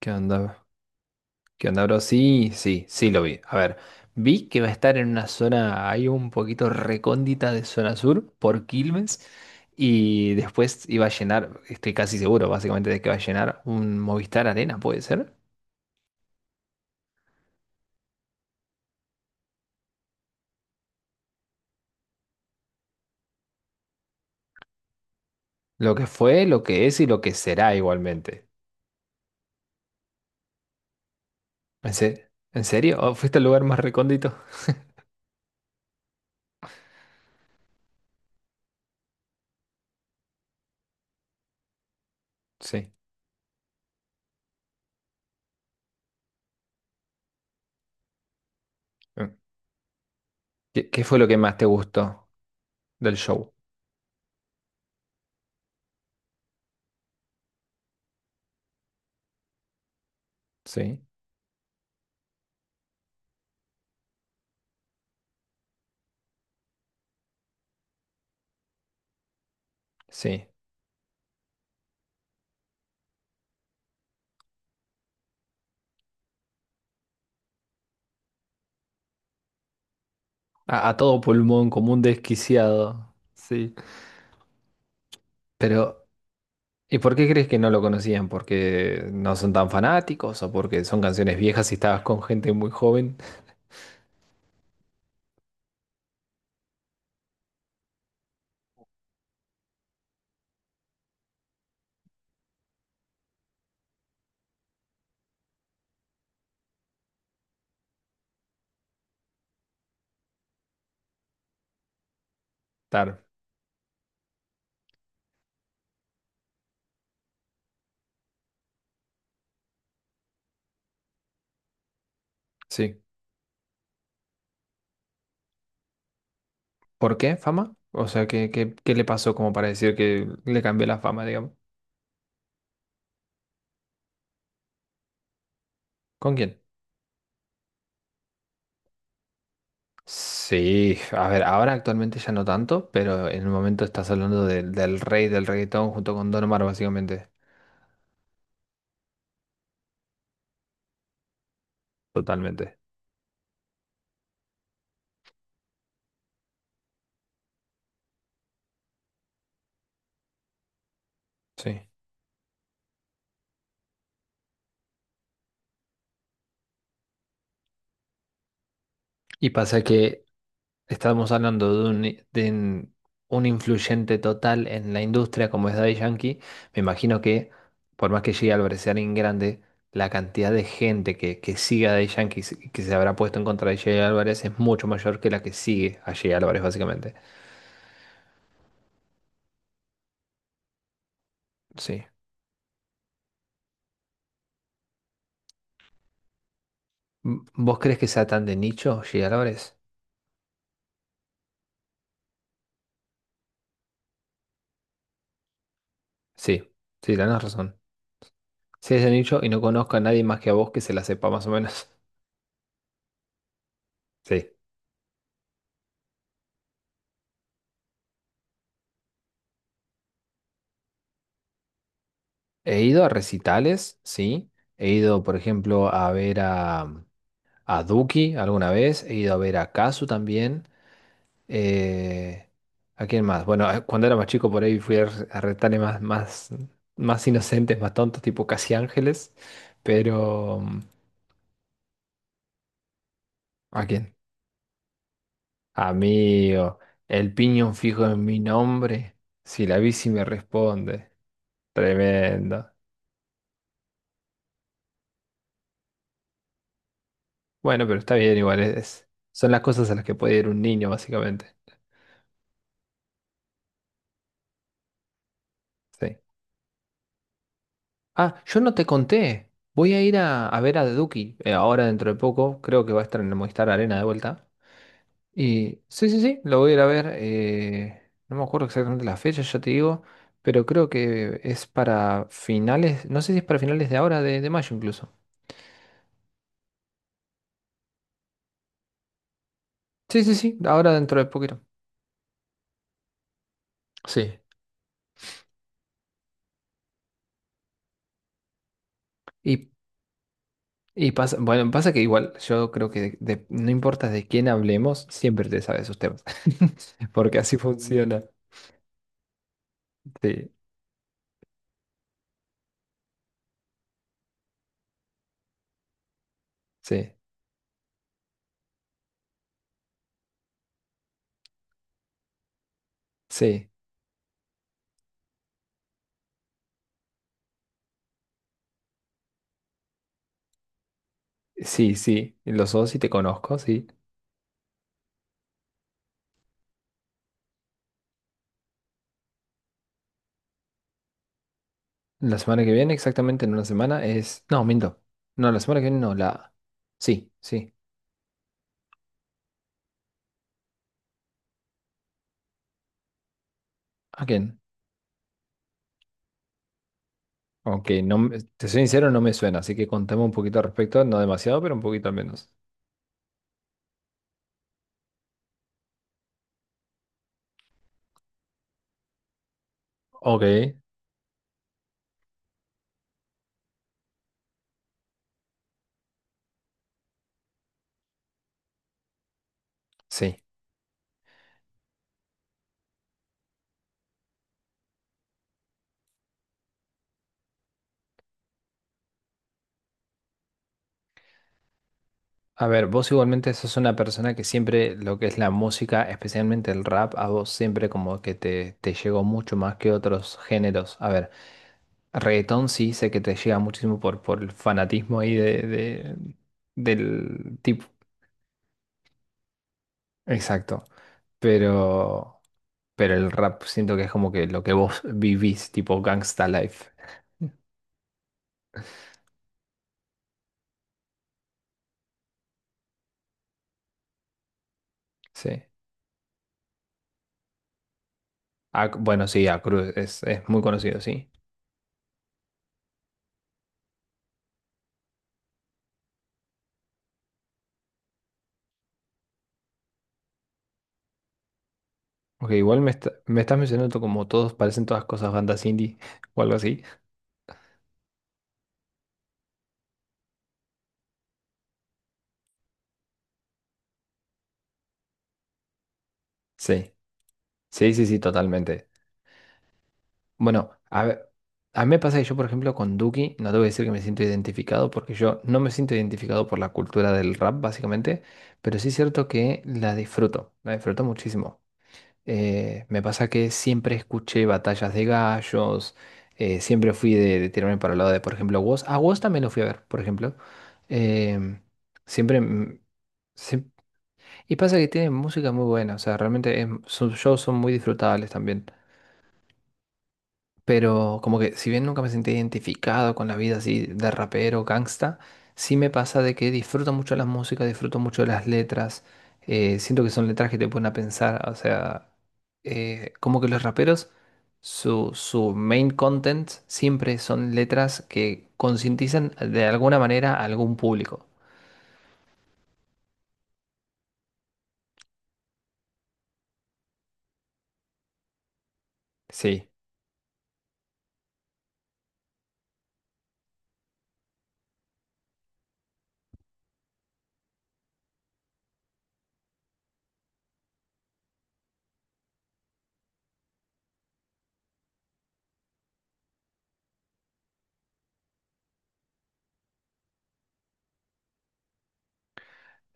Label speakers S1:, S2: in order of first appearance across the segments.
S1: ¿Qué onda? ¿Qué onda, bro? Sí, sí, sí lo vi. A ver, vi que va a estar en una zona ahí un poquito recóndita de zona sur por Quilmes y después iba a llenar, estoy casi seguro básicamente de que va a llenar un Movistar Arena, ¿puede ser? Lo que fue, lo que es y lo que será igualmente. ¿En serio? ¿O ¿Fuiste al lugar más recóndito? Sí. Mm. ¿Qué fue lo que más te gustó del show? Sí, sí. A todo pulmón, como un desquiciado. Sí. Pero... ¿Y por qué crees que no lo conocían? ¿Porque no son tan fanáticos o porque son canciones viejas y estabas con gente muy joven? Claro, sí. ¿Por qué fama? O sea, ¿qué, qué, qué le pasó como para decir que le cambió la fama, digamos? ¿Con quién? Sí, a ver, ahora actualmente ya no tanto, pero en el momento estás hablando del rey del reggaetón junto con Don Omar, básicamente. Totalmente. Sí. Y pasa que estábamos hablando de un influyente total en la industria como es Daddy Yankee. Me imagino que, por más que llegue al Brecearín grande, la cantidad de gente que sigue a Daddy Yankee y que se habrá puesto en contra de Jay Álvarez es mucho mayor que la que sigue a Jay Álvarez, básicamente. Sí. M- ¿Vos crees que sea tan de nicho, Jay Álvarez? Sí, sí, tenés razón. Sí, es de nicho y no conozco a nadie más que a vos que se la sepa más o menos. Sí. He ido a recitales, sí. He ido, por ejemplo, a ver a, a Duki alguna vez. He ido a ver a Kazu también. Eh, ¿A quién más? Bueno, cuando era más chico por ahí fui a, a recitales más, más, más inocentes, más tontos, tipo Casi Ángeles. Pero, ¿a quién? Amigo, el piñón fijo en mi nombre. Si la bici me responde. Tremendo. Bueno, pero está bien, igual es, son las cosas a las que puede ir un niño, básicamente. Sí. Ah, yo no te conté. Voy a ir a ver a The Duki ahora dentro de poco. Creo que va a estar en el Movistar Arena de vuelta. Y sí, sí, sí, lo voy a ir a ver. No me acuerdo exactamente la fecha, ya te digo. Pero creo que es para finales. No sé si es para finales de ahora, de mayo incluso. Sí, sí, sí, ahora dentro de poquito. Sí. Y, y pasa, bueno, pasa que igual yo creo que no importa de quién hablemos, siempre te sabes sus temas. Porque así Mm. funciona. Sí, sí, sí. Sí, sí, los dos sí te conozco, sí. La semana que viene, exactamente en una semana, es... No, miento. No, la semana que viene no, la... Sí, sí. ¿A quién? Aunque no, te soy sincero, no me suena, así que contame un poquito al respecto, no demasiado, pero un poquito al menos. Ok, sí. A ver, vos igualmente sos una persona que siempre lo que es la música, especialmente el rap, a vos siempre como que te llegó mucho más que otros géneros. A ver. Reggaetón sí sé que te llega muchísimo por el fanatismo ahí de, del tipo. Exacto. Pero, pero el rap siento que es como que lo que vos vivís, tipo Gangsta Life. Sí. Ah, bueno, sí, a Cruz es muy conocido, sí. Ok, igual me, me estás mencionando como todos, parecen todas cosas bandas indie o algo así. Sí. Sí, sí, sí, totalmente. Bueno, a ver, a mí me pasa que yo, por ejemplo, con Duki, no te voy a decir que me siento identificado, porque yo no me siento identificado por la cultura del rap, básicamente, pero sí es cierto que la disfruto muchísimo. Me pasa que siempre escuché batallas de gallos, siempre fui de tirarme para el lado de, por ejemplo, Woz. A Woz también lo fui a ver, por ejemplo. Em, Siempre... siem- Y pasa que tiene música muy buena, o sea, realmente sus shows son muy disfrutables también. Pero como que si bien nunca me sentí identificado con la vida así de rapero, gangsta, sí me pasa de que disfruto mucho las músicas, disfruto mucho las letras, siento que son letras que te ponen a pensar, o sea, como que los raperos, su main content siempre son letras que concientizan de alguna manera a algún público. Sí,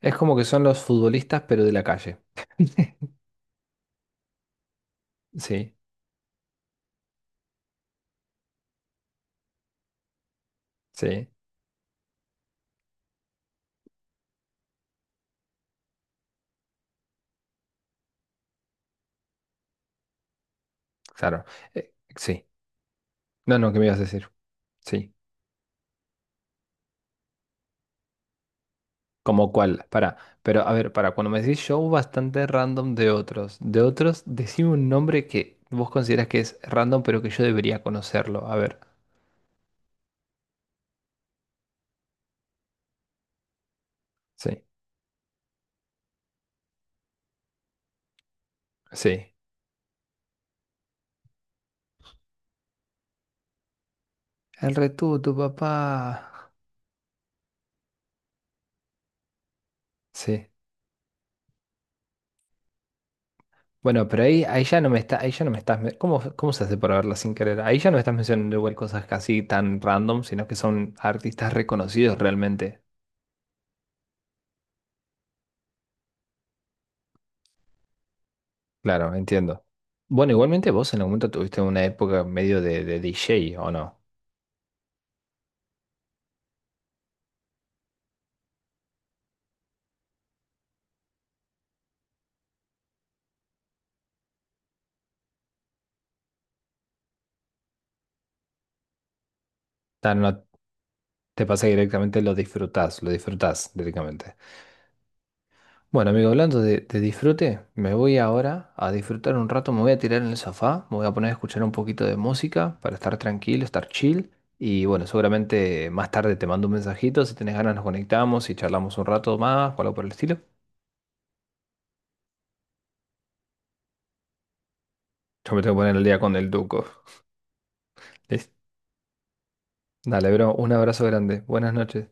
S1: es como que son los futbolistas, pero de la calle. Sí, sí, claro. Sí. No, no, ¿qué me ibas a decir? Sí. ¿Como cuál? Para, pero a ver, para, cuando me decís show bastante random de otros, decime un nombre que vos consideras que es random, pero que yo debería conocerlo. A ver, sí, sí. El Retú, tu papá. Sí. Bueno, pero ahí, ahí ya no me está, ahí ya no me estás, ¿cómo, cómo se hace para verla sin querer? Ahí ya no me estás mencionando igual cosas casi tan random, sino que son artistas reconocidos realmente. Claro, entiendo. Bueno, igualmente vos en algún momento tuviste una época medio de DJ, ¿o no? No. Te pasa que directamente lo disfrutás directamente. Bueno, amigo, hablando de disfrute, me voy ahora a disfrutar un rato, me voy a tirar en el sofá, me voy a poner a escuchar un poquito de música para estar tranquilo, estar chill. Y bueno, seguramente más tarde te mando un mensajito, si tenés ganas nos conectamos y charlamos un rato más o algo por el estilo. Yo me tengo que poner el día con el Duco. Dale, bro, un abrazo grande, buenas noches.